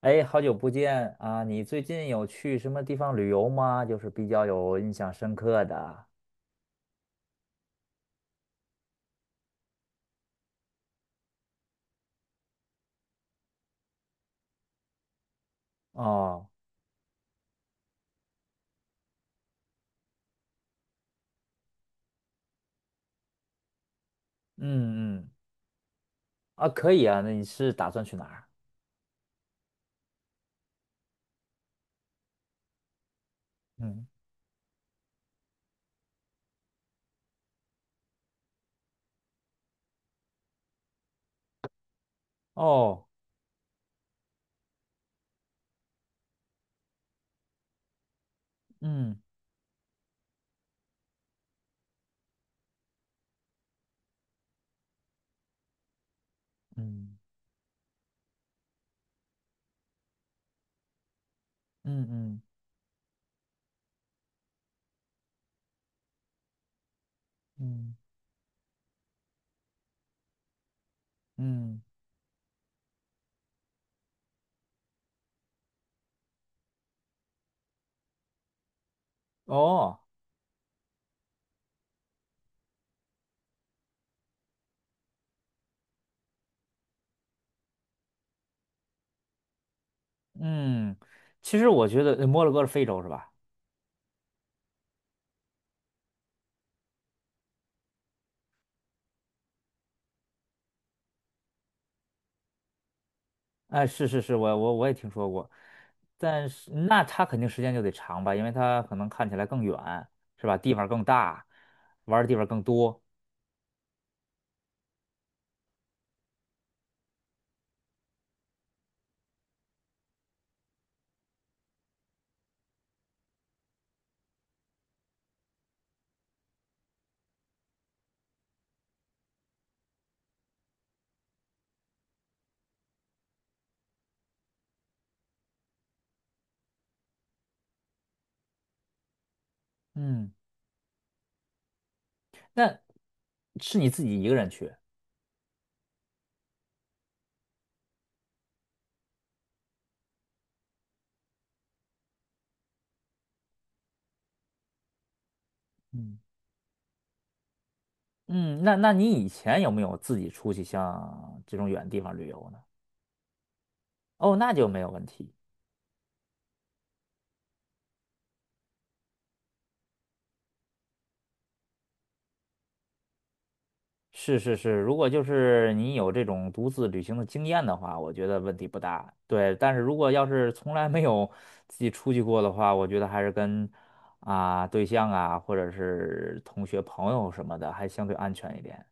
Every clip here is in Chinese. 哎，好久不见啊！你最近有去什么地方旅游吗？就是比较有印象深刻的。哦。嗯嗯。啊，可以啊。那你是打算去哪儿？嗯。哦。嗯嗯嗯嗯嗯嗯。哦。嗯。其实我觉得摩洛哥是非洲是吧？哎，是是是，我也听说过，但是那它肯定时间就得长吧，因为它可能看起来更远，是吧？地方更大，玩儿的地方更多。嗯。那是你自己一个人去？嗯。嗯，那你以前有没有自己出去像这种远地方旅游呢？哦，那就没有问题。是是是，如果就是你有这种独自旅行的经验的话，我觉得问题不大。对，但是如果要是从来没有自己出去过的话，我觉得还是跟啊对象啊，或者是同学朋友什么的，还相对安全一点。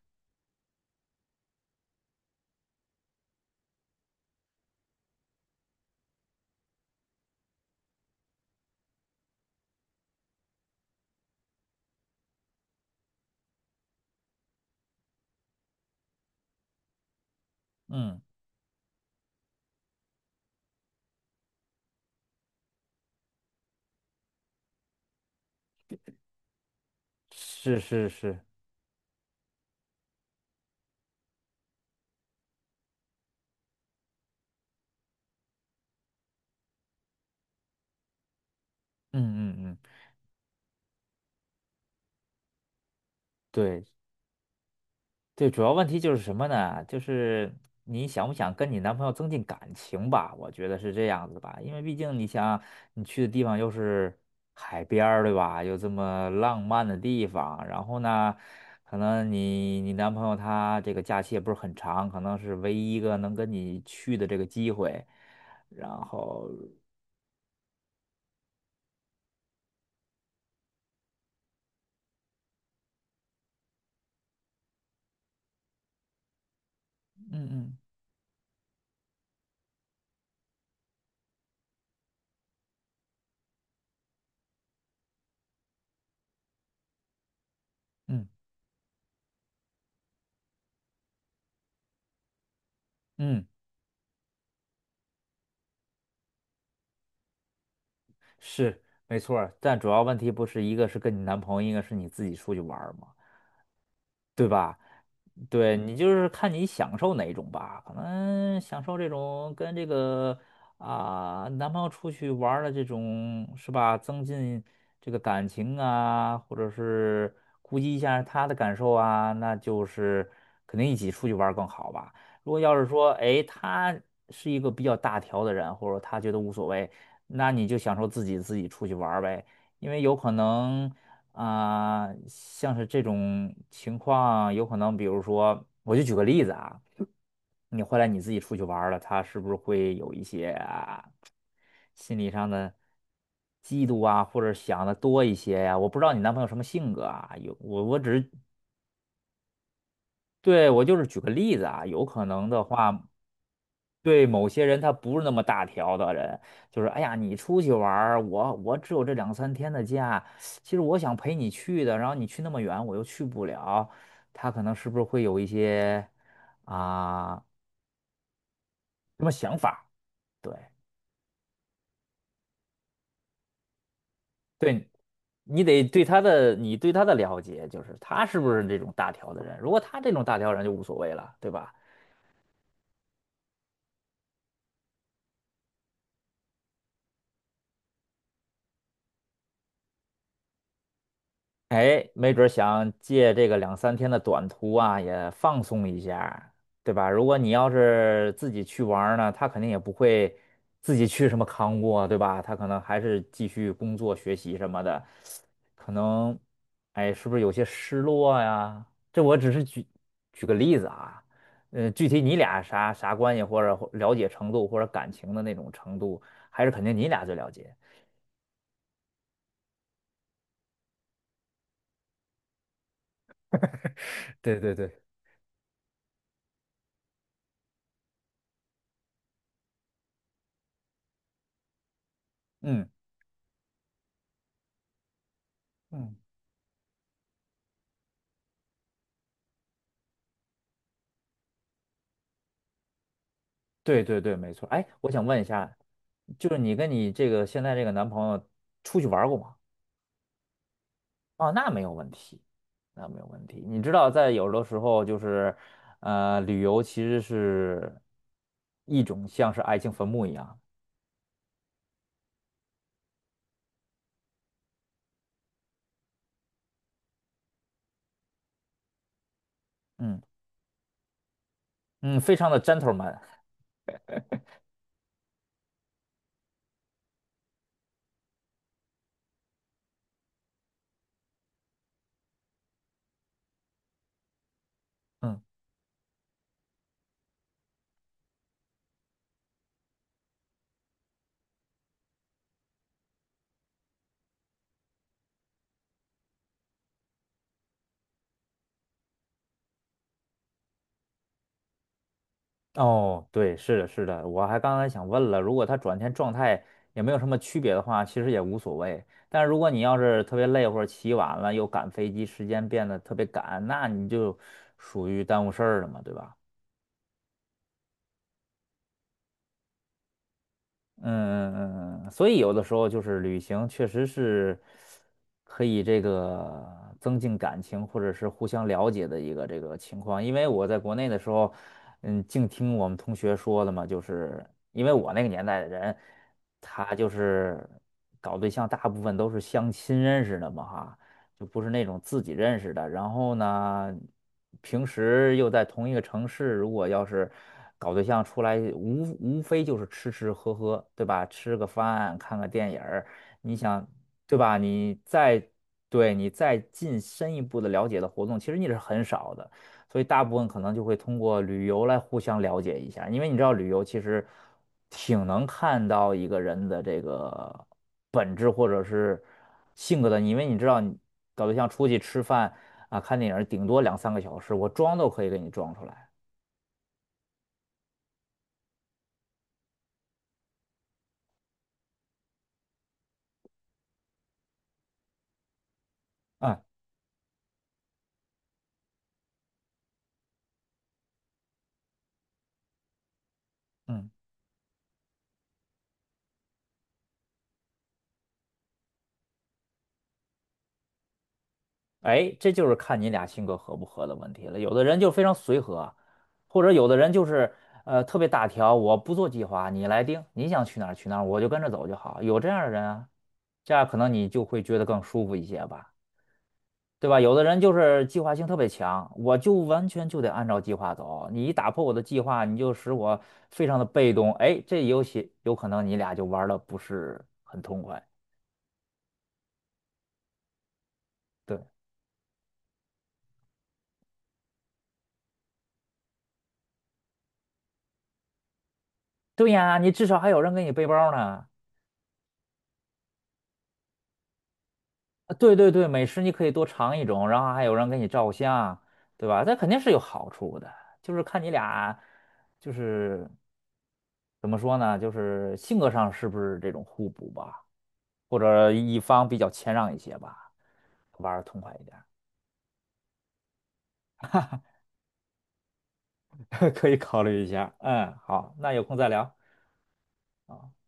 嗯，是是是。嗯嗯嗯。对。对，主要问题就是什么呢？就是你想不想跟你男朋友增进感情吧？我觉得是这样子吧，因为毕竟你想，你去的地方又是海边儿，对吧？又这么浪漫的地方，然后呢，可能你男朋友他这个假期也不是很长，可能是唯一一个能跟你去的这个机会，然后，嗯嗯嗯嗯，是没错儿，但主要问题不是一个是跟你男朋友，一个是你自己出去玩儿嘛，对吧？对你就是看你享受哪一种吧，可能享受这种跟这个啊、男朋友出去玩儿的这种是吧，增进这个感情啊，或者是顾及一下他的感受啊，那就是肯定一起出去玩儿更好吧。如果要是说，哎，他是一个比较大条的人，或者他觉得无所谓，那你就享受自己出去玩儿呗，因为有可能。啊、像是这种情况，有可能，比如说，我就举个例子啊，你后来你自己出去玩儿了，他是不是会有一些啊心理上的嫉妒啊，或者想的多一些呀、我不知道你男朋友什么性格啊，有我只是对我就是举个例子啊，有可能的话。对某些人他不是那么大条的人，就是哎呀，你出去玩儿我只有这两三天的假，其实我想陪你去的，然后你去那么远，我又去不了，他可能是不是会有一些啊什么想法？对对，你得对他的你对他的了解，就是他是不是这种大条的人，如果他这种大条人就无所谓了，对吧？哎，没准儿想借这个两三天的短途啊，也放松一下，对吧？如果你要是自己去玩儿呢，他肯定也不会自己去什么康过，对吧？他可能还是继续工作、学习什么的，可能，哎，是不是有些失落呀？这我只是举个例子啊，具体你俩啥啥关系，或者或了解程度，或者感情的那种程度，还是肯定你俩最了解。对对对。嗯。嗯。对对对，没错。哎，我想问一下，就是你跟你这个现在这个男朋友出去玩儿过吗？哦，那没有问题，那没有问题。你知道，在有的时候就是，旅游其实是一种像是爱情坟墓一样，嗯嗯，非常的 gentleman。嗯。哦，对，是的，是的，我还刚才想问了，如果他转天状态也没有什么区别的话，其实也无所谓。但是如果你要是特别累或者起晚了，又赶飞机，时间变得特别赶，那你就属于耽误事儿了嘛，对吧？嗯嗯嗯，嗯所以有的时候就是旅行确实是可以这个增进感情或者是互相了解的一个这个情况。因为我在国内的时候，嗯，净听我们同学说的嘛，就是因为我那个年代的人，他就是搞对象大部分都是相亲认识的嘛哈，就不是那种自己认识的。然后呢，平时又在同一个城市，如果要是搞对象出来，无非就是吃吃喝喝，对吧？吃个饭，看个电影儿，你想，对吧？对你再进深一步的了解的活动，其实你是很少的。所以大部分可能就会通过旅游来互相了解一下，因为你知道旅游其实挺能看到一个人的这个本质或者是性格的，因为你知道你搞对象出去吃饭啊、看电影，顶多两三个小时，我装都可以给你装出来。嗯嗯，哎，这就是看你俩性格合不合的问题了。有的人就非常随和，或者有的人就是特别大条，我不做计划，你来定，你想去哪儿去哪儿，我就跟着走就好。有这样的人啊，这样可能你就会觉得更舒服一些吧，对吧？有的人就是计划性特别强，我就完全就得按照计划走，你一打破我的计划，你就使我非常的被动。哎，这游戏有可能你俩就玩的不是很痛快。对对呀，你至少还有人给你背包呢。啊，对对对，美食你可以多尝一种，然后还有人给你照相，对吧？这肯定是有好处的，就是看你俩，就是怎么说呢，就是性格上是不是这种互补吧，或者一方比较谦让一些吧，玩的痛快一点儿 可以考虑一下。嗯，好，那有空再聊。啊。